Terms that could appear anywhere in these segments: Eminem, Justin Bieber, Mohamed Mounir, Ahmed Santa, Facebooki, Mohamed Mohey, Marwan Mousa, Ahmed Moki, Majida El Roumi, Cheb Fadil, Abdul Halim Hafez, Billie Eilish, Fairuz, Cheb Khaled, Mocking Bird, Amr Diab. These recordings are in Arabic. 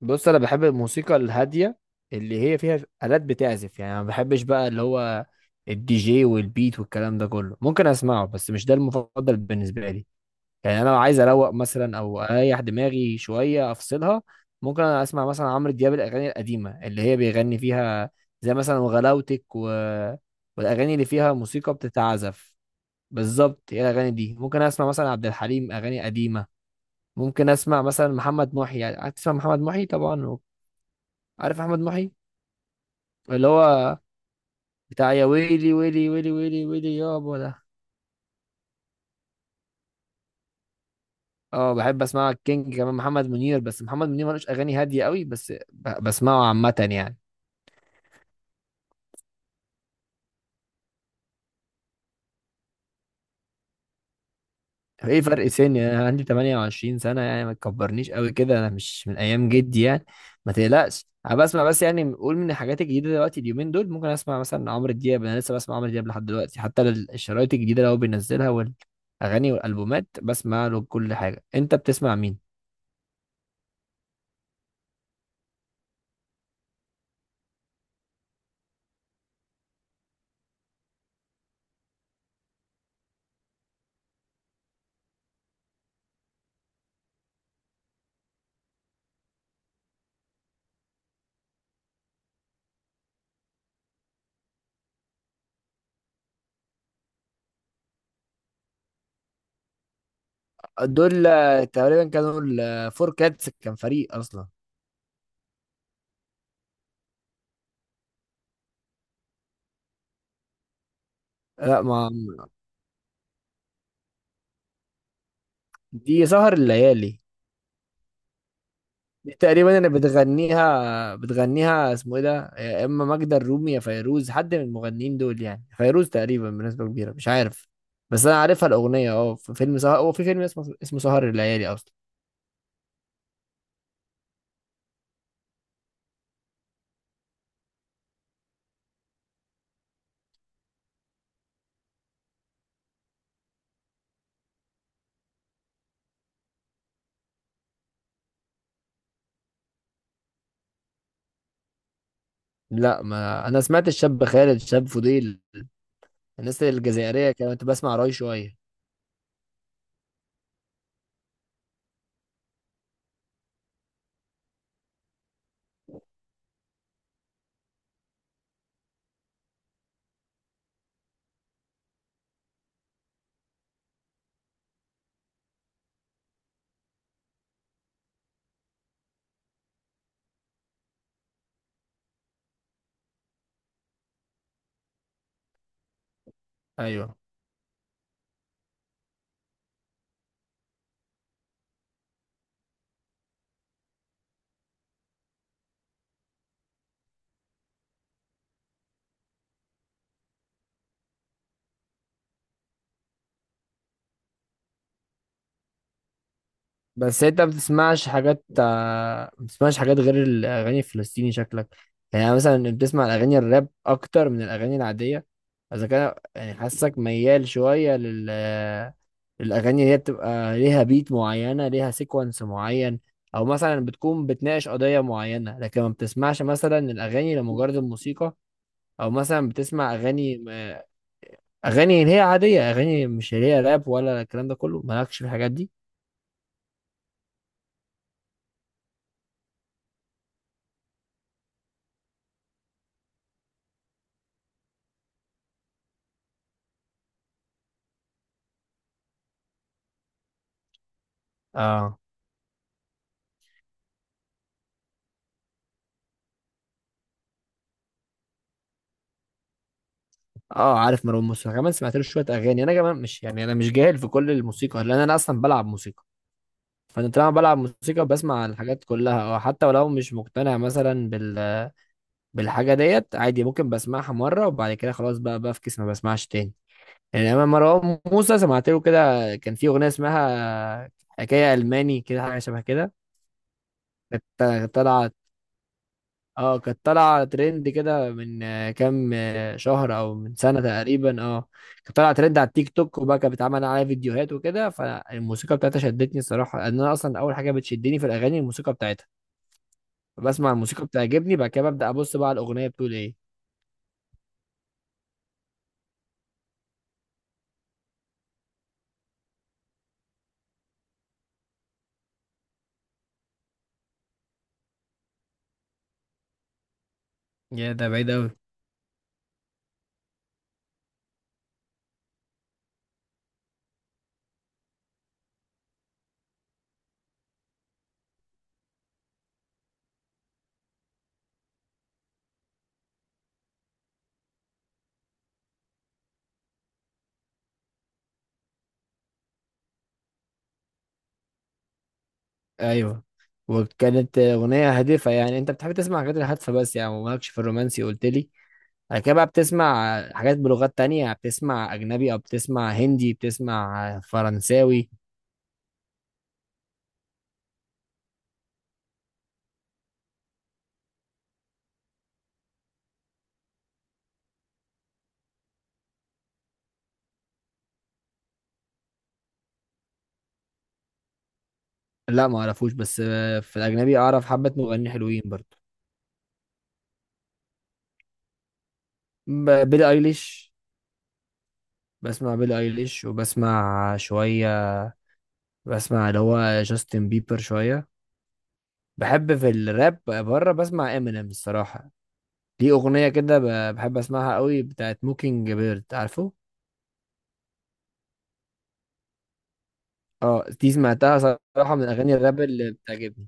بص، انا بحب الموسيقى الهاديه اللي هي فيها آلات بتعزف. يعني انا ما بحبش بقى اللي هو الدي جي والبيت والكلام ده كله، ممكن اسمعه بس مش ده المفضل بالنسبه لي. يعني انا لو عايز اروق مثلا او اريح دماغي شويه افصلها، ممكن أنا اسمع مثلا عمرو دياب الاغاني القديمه اللي هي بيغني فيها، زي مثلا وغلاوتك والاغاني اللي فيها موسيقى بتتعزف. بالظبط، هي الاغاني دي. ممكن اسمع مثلا عبد الحليم اغاني قديمه، ممكن اسمع مثلا محمد محي، يعني هتسمع محمد محي طبعا، عارف احمد محي؟ اللي هو بتاع يا ويلي ويلي ويلي ويلي ويلي يابا ده. اه بحب اسمع الكينج كمان، محمد منير، بس محمد منير ملوش اغاني هاديه قوي بس بسمعه عامه يعني. ايه فرق سني، انا عندي 28 سنه يعني، ما تكبرنيش قوي كده، انا مش من ايام جدي يعني. ما تقلقش انا بسمع، بس يعني قول من الحاجات الجديده دلوقتي اليومين دول، ممكن اسمع مثلا عمرو دياب، انا لسه بسمع عمرو دياب لحد دلوقتي، حتى الشرايط الجديده اللي هو بينزلها والاغاني والالبومات، بسمع له كل حاجه. انت بتسمع مين؟ دول تقريبا كانوا الفور كاتس، كان فريق اصلا. لا، ما دي سهر الليالي. دي تقريبا اللي بتغنيها اسمه ايه ده، يا اما ماجدة الرومي يا فيروز، حد من المغنيين دول. يعني فيروز تقريبا بنسبة كبيرة، مش عارف. بس انا عارفها الاغنية. اه في فيلم سهر، هو في فيلم اسمه سهر الليالي اصلا. لا، ما انا سمعت الشاب خالد الشاب فضيل، الناس الجزائرية كانت بسمع راي شوية. ايوه. بس انت ما بتسمعش حاجات غير الاغاني الفلسطيني شكلك. يعني أنا مثلا بتسمع الاغاني الراب اكتر من الاغاني العاديه، اذا كان يعني حاسك ميال شويه الاغاني اللي هي بتبقى ليها بيت معينه، ليها سيكونس معين، او مثلا بتكون بتناقش قضيه معينه، لكن ما بتسمعش مثلا الاغاني لمجرد الموسيقى، او مثلا بتسمع اغاني اللي هي عاديه، اغاني مش اللي هي راب ولا الكلام ده كله، مالكش في الحاجات دي. اه. اه عارف مروان موسى كمان، سمعت له شويه اغاني. انا كمان مش يعني انا مش جاهل في كل الموسيقى، لان انا اصلا بلعب موسيقى، فانا طالما بلعب موسيقى بسمع الحاجات كلها، او حتى ولو مش مقتنع مثلا بالحاجه ديت عادي، ممكن بسمعها مره وبعد كده خلاص بقى بفكس، ما بسمعش تاني. يعني انا مروان موسى سمعت له كده، كان في اغنيه اسمها حكايه الماني كده، حاجه شبه كده. كانت طالعه اه كانت طالعة ترند كده من كام شهر او من سنة تقريبا، اه. كانت طالعة ترند على التيك توك، وبقى كانت بتعمل عليها فيديوهات وكده، فالموسيقى بتاعتها شدتني الصراحة، لان انا اصلا اول حاجة بتشدني في الاغاني الموسيقى بتاعتها. بسمع الموسيقى بتعجبني، بعد كده ببدأ ابص بقى على الاغنية بتقول ايه. يا ده بعيد أوي. ايوه. وكانت اغنية هادفة. يعني انت بتحب تسمع حاجات الهادفة بس يعني، ومالكش في الرومانسي قلت لي. بعد كده بقى بتسمع حاجات بلغات تانية؟ بتسمع اجنبي، او بتسمع هندي، بتسمع فرنساوي؟ لا ما اعرفوش، بس في الاجنبي اعرف حبة مغنيين حلوين برضو. بيلي ايليش. بسمع بيلي ايليش، وبسمع شوية، بسمع اللي هو جاستن بيبر شوية. بحب في الراب بره بسمع امينيم الصراحة. دي أغنية كده بحب أسمعها قوي، بتاعت موكينج بيرد، عارفه؟ اه دي سمعتها. صراحة من أغاني الراب اللي بتعجبني.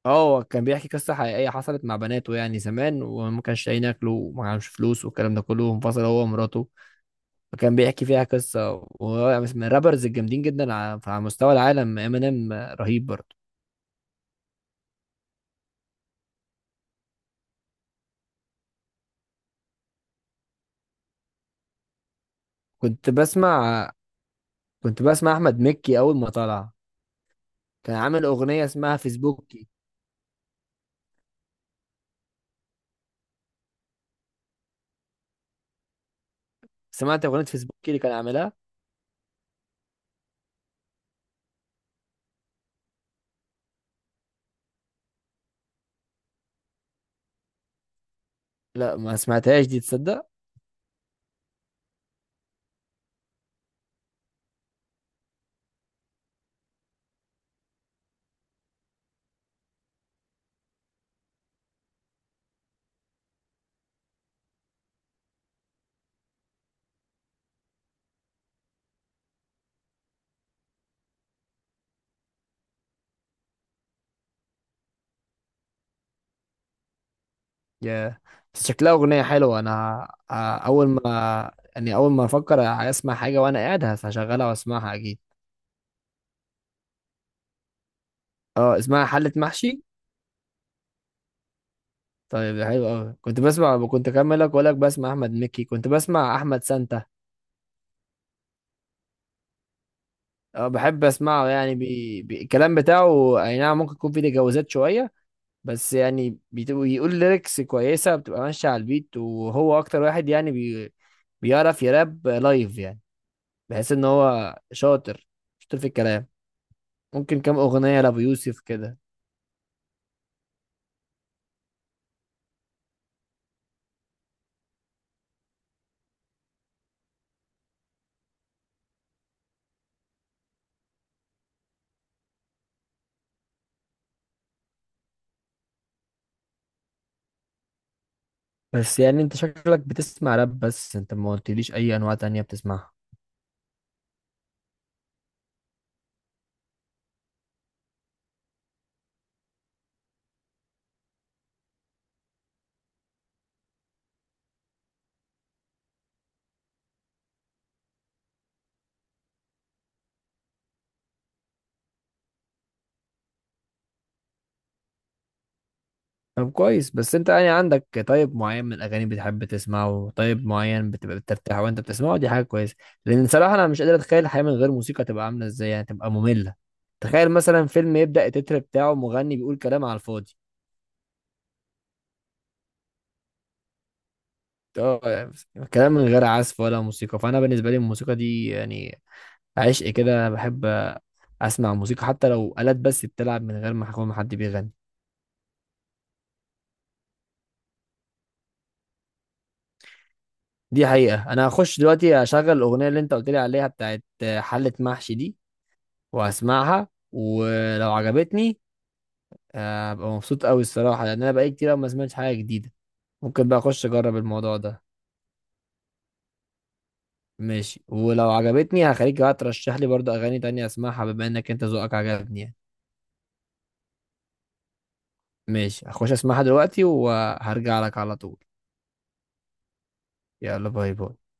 اه. هو كان بيحكي قصة حقيقية حصلت مع بناته يعني زمان، وما كانش لاقيين ياكلوا وما كانش فلوس والكلام ده كله، وانفصل هو ومراته، فكان بيحكي فيها قصة. وهو من الرابرز الجامدين جدا على مستوى العالم. امينيم رهيب برضه. كنت بسمع كنت بسمع أحمد مكي أول ما طلع، كان عامل أغنية اسمها فيسبوكي. سمعت أغنية فيسبوكي اللي كان عاملها؟ لا ما سمعتهاش دي، تصدق. يا، بس شكلها أغنية حلوة، أنا أول ما أفكر أسمع حاجة وأنا قاعد هشغلها وأسمعها أكيد. أه اسمها حلة محشي. طيب ده حلو أوي. كنت أكملك وأقول لك بسمع أحمد مكي، كنت بسمع أحمد سانتا. اه بحب اسمعه، يعني الكلام بتاعه اي نعم ممكن يكون فيه تجاوزات شويه، بس يعني بيقول ليركس كويسه، بتبقى ماشيه على البيت، وهو اكتر واحد يعني بيعرف يراب لايف يعني، بحيث ان هو شاطر، شاطر في الكلام. ممكن كام اغنيه لابو يوسف كده. بس يعني انت شكلك بتسمع راب بس، انت ما قلتليش اي انواع تانية بتسمعها. طب كويس. بس انت يعني عندك طيب معين من الاغاني بتحب تسمعه، طيب معين بتبقى بترتاح وانت بتسمعه، دي حاجه كويسه. لان صراحه انا مش قادر اتخيل الحياه من غير موسيقى تبقى عامله ازاي، يعني تبقى ممله. تخيل مثلا فيلم يبدا التتر بتاعه مغني بيقول كلام على الفاضي. اه يعني كلام من غير عزف ولا موسيقى، فانا بالنسبه لي الموسيقى دي يعني عشق كده. انا بحب اسمع موسيقى حتى لو آلات بس بتلعب من غير ما يكون حد بيغني. دي حقيقه، انا هخش دلوقتي اشغل الاغنيه اللي انت قلت لي عليها بتاعت حله محشي دي وهسمعها، ولو عجبتني هبقى مبسوط قوي الصراحة، لأن أنا بقالي كتير أوي ما سمعتش حاجة جديدة، ممكن بقى أخش أجرب الموضوع ده. ماشي، ولو عجبتني هخليك بقى ترشح لي برضه أغاني تانية أسمعها بما إنك أنت ذوقك عجبني يعني. ماشي، هخش أسمعها دلوقتي وهرجع لك على طول. يلا، باي باي.